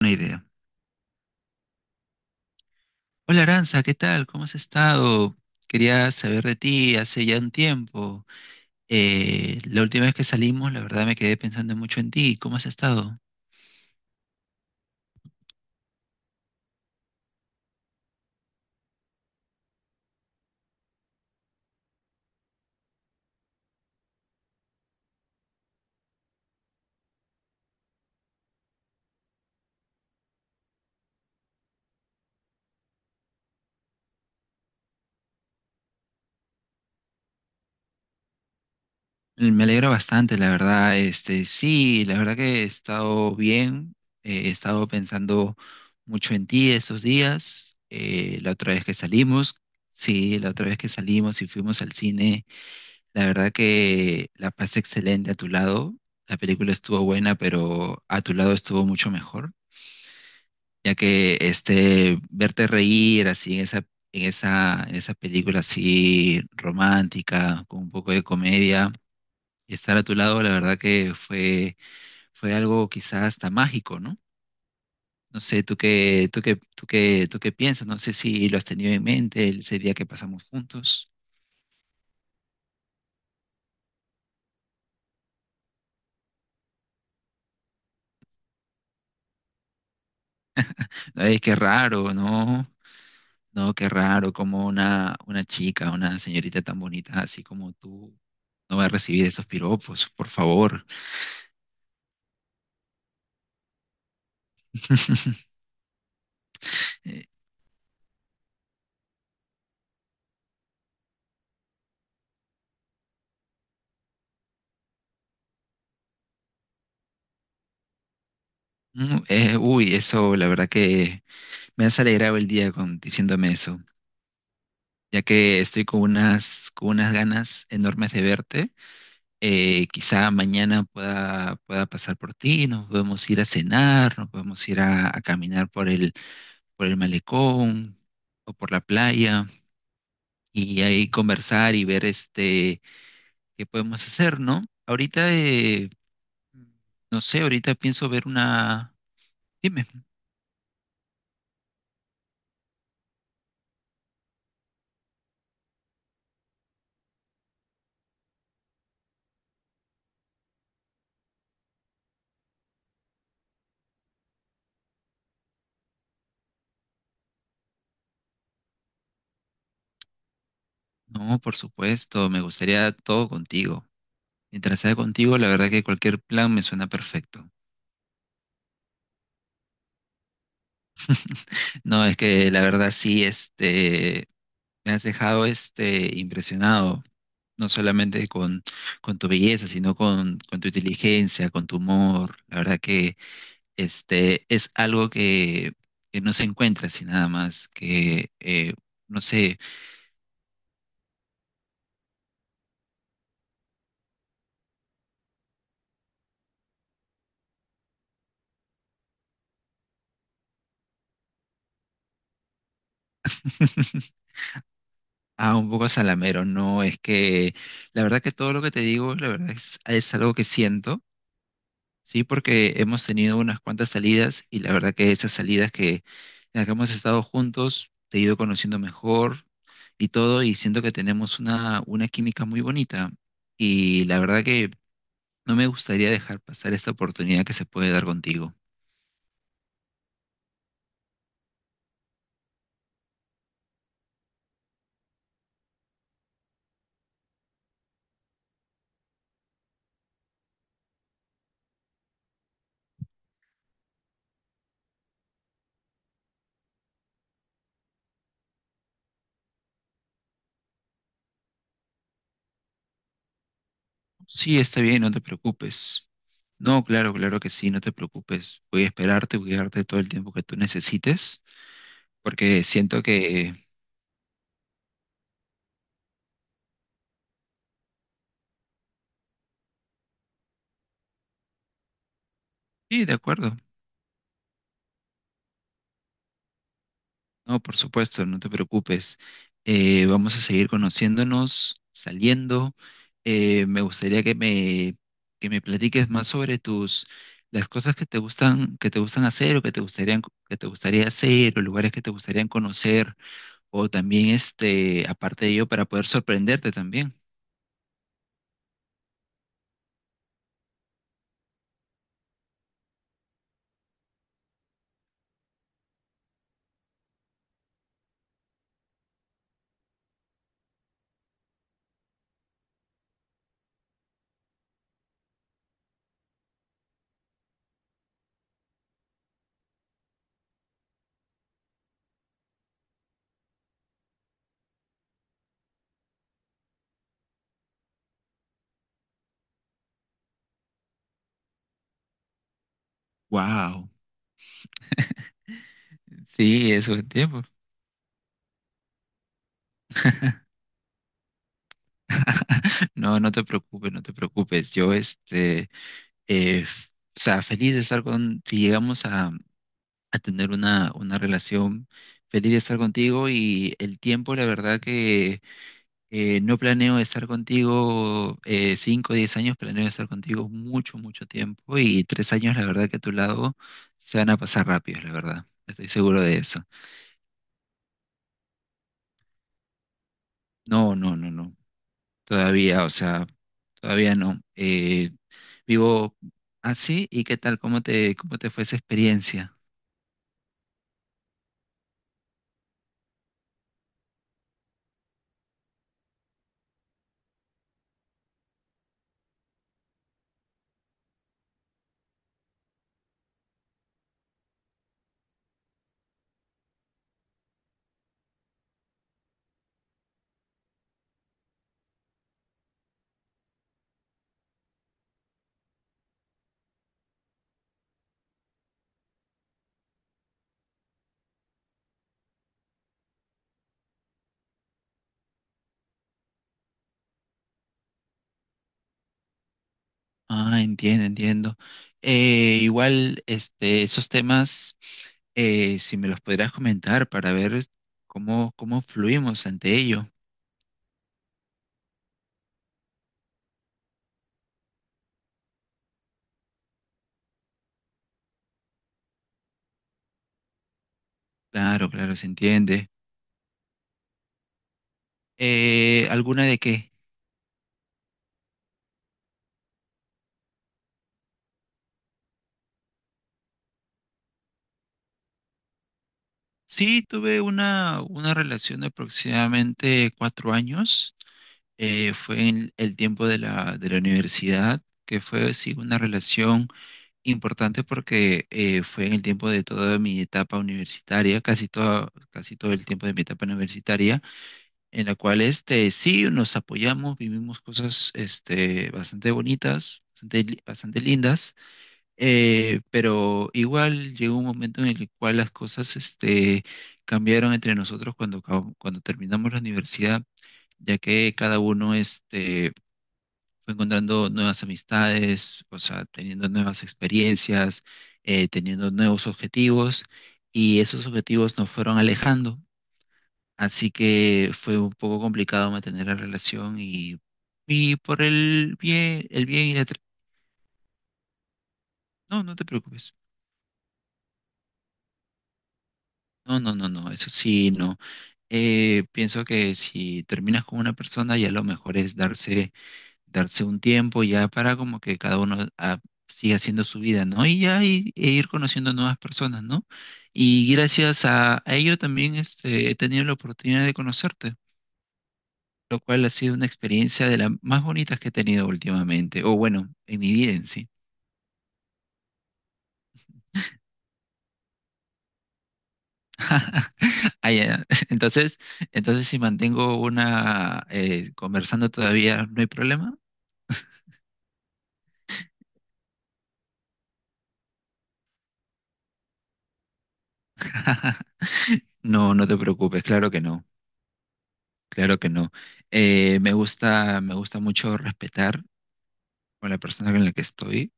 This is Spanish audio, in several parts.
Una idea. Hola Aranza, ¿qué tal? ¿Cómo has estado? Quería saber de ti hace ya un tiempo. La última vez que salimos, la verdad me quedé pensando mucho en ti. ¿Cómo has estado? Me alegro bastante, la verdad. Este, sí, la verdad que he estado bien. He estado pensando mucho en ti estos días. La otra vez que salimos, sí, la otra vez que salimos y fuimos al cine, la verdad que la pasé excelente a tu lado. La película estuvo buena, pero a tu lado estuvo mucho mejor, ya que este verte reír así en esa en esa película así romántica con un poco de comedia. Y estar a tu lado, la verdad que fue algo quizás hasta mágico, ¿no? No sé, tú qué piensas, no sé si lo has tenido en mente ese día que pasamos juntos. Ay, qué raro, ¿no? No, qué raro, como una chica, una señorita tan bonita así como tú no va a recibir esos piropos, por favor. Eh, Eso la verdad que me has alegrado el día diciéndome eso, ya que estoy con con unas ganas enormes de verte. Quizá mañana pueda pasar por ti, nos podemos ir a cenar, nos podemos ir a caminar por por el malecón o por la playa, y ahí conversar y ver este, qué podemos hacer, ¿no? Ahorita, no sé, ahorita pienso ver una... Dime. No, por supuesto, me gustaría todo contigo. Mientras sea contigo, la verdad que cualquier plan me suena perfecto. No, es que la verdad sí, este, me has dejado este impresionado. No solamente con tu belleza, sino con tu inteligencia, con tu humor. La verdad que este es algo que no se encuentra así nada más, que no sé, ah, un poco salamero, no, es que la verdad que todo lo que te digo, la verdad es algo que siento. Sí, porque hemos tenido unas cuantas salidas y la verdad que esas salidas que en las que hemos estado juntos, te he ido conociendo mejor y todo, y siento que tenemos una química muy bonita. Y la verdad que no me gustaría dejar pasar esta oportunidad que se puede dar contigo. Sí, está bien, no te preocupes. No, claro, claro que sí, no te preocupes. Voy a esperarte, voy a darte todo el tiempo que tú necesites, porque siento que... Sí, de acuerdo. No, por supuesto, no te preocupes. Vamos a seguir conociéndonos, saliendo. Me gustaría que me platiques más sobre tus, las cosas que te gustan hacer o que te gustarían, que te gustaría hacer o lugares que te gustarían conocer o también este, aparte de ello, para poder sorprenderte también. Wow, sí, eso es tiempo. No, no te preocupes, no te preocupes. Yo, este, eh, f- feliz de estar con, si llegamos a tener una relación. Feliz de estar contigo y el tiempo, la verdad que no planeo estar contigo 5 o 10 años, planeo estar contigo mucho, mucho tiempo y 3 años, la verdad que a tu lado se van a pasar rápidos, la verdad. Estoy seguro de eso. No, no, no, no. Todavía, o sea, todavía no. Vivo así. ¿Y qué tal? ¿Cómo te fue esa experiencia? Ah, entiendo, entiendo. Igual, este, esos temas, eh, si me los podrías comentar para ver cómo fluimos ante ello. Claro, claro, se entiende. ¿Alguna de qué? Sí, tuve una relación de aproximadamente 4 años. Fue en el tiempo de de la universidad, que fue sí, una relación importante porque fue en el tiempo de toda mi etapa universitaria, casi todo el tiempo de mi etapa universitaria. En la cual este, sí nos apoyamos, vivimos cosas este, bastante bonitas, bastante, bastante lindas, pero igual llegó un momento en el cual las cosas este, cambiaron entre nosotros cuando terminamos la universidad, ya que cada uno este, fue encontrando nuevas amistades, o sea, teniendo nuevas experiencias, teniendo nuevos objetivos, y esos objetivos nos fueron alejando. Así que fue un poco complicado mantener la y por el bien y la... tra- No, no te preocupes. No, no, no, no, eso sí, no. Pienso que si terminas con una persona, ya lo mejor es darse un tiempo ya para como que cada uno ah, siga haciendo su vida, ¿no? Y ya ir conociendo nuevas personas, ¿no? Y gracias a ello también este, he tenido la oportunidad de conocerte, lo cual ha sido una experiencia de las más bonitas que he tenido últimamente, o bueno, en mi vida en sí. Ah, ya. Entonces, entonces si mantengo una conversando todavía, no hay problema. No, no te preocupes, claro que no, claro que no. Me gusta mucho respetar con la persona con la que estoy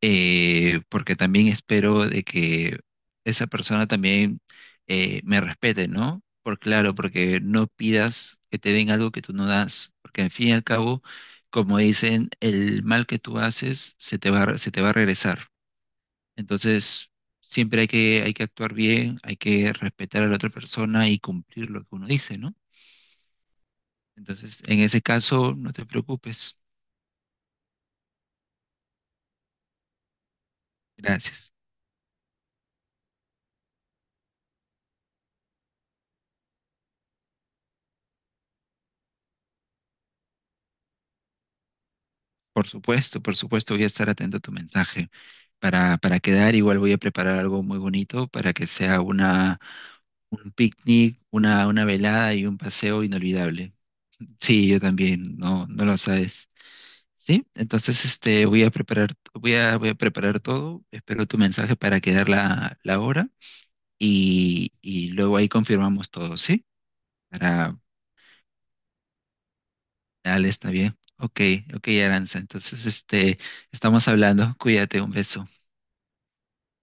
porque también espero de que esa persona también me respete, ¿no? Por claro, porque no pidas que te den algo que tú no das, porque en fin y al cabo, como dicen, el mal que tú haces se te va a regresar. Entonces, siempre hay hay que actuar bien, hay que respetar a la otra persona y cumplir lo que uno dice, ¿no? Entonces, en ese caso, no te preocupes. Gracias. Por supuesto, voy a estar atento a tu mensaje para quedar. Igual voy a preparar algo muy bonito para que sea un picnic, una velada y un paseo inolvidable. Sí, yo también, no, no lo sabes. Sí, entonces este, voy a voy a preparar todo. Espero tu mensaje para quedar la hora y luego ahí confirmamos todo, ¿sí? Para, dale, está bien. Ok, ok, Aranza. Entonces, este, estamos hablando. Cuídate, un beso.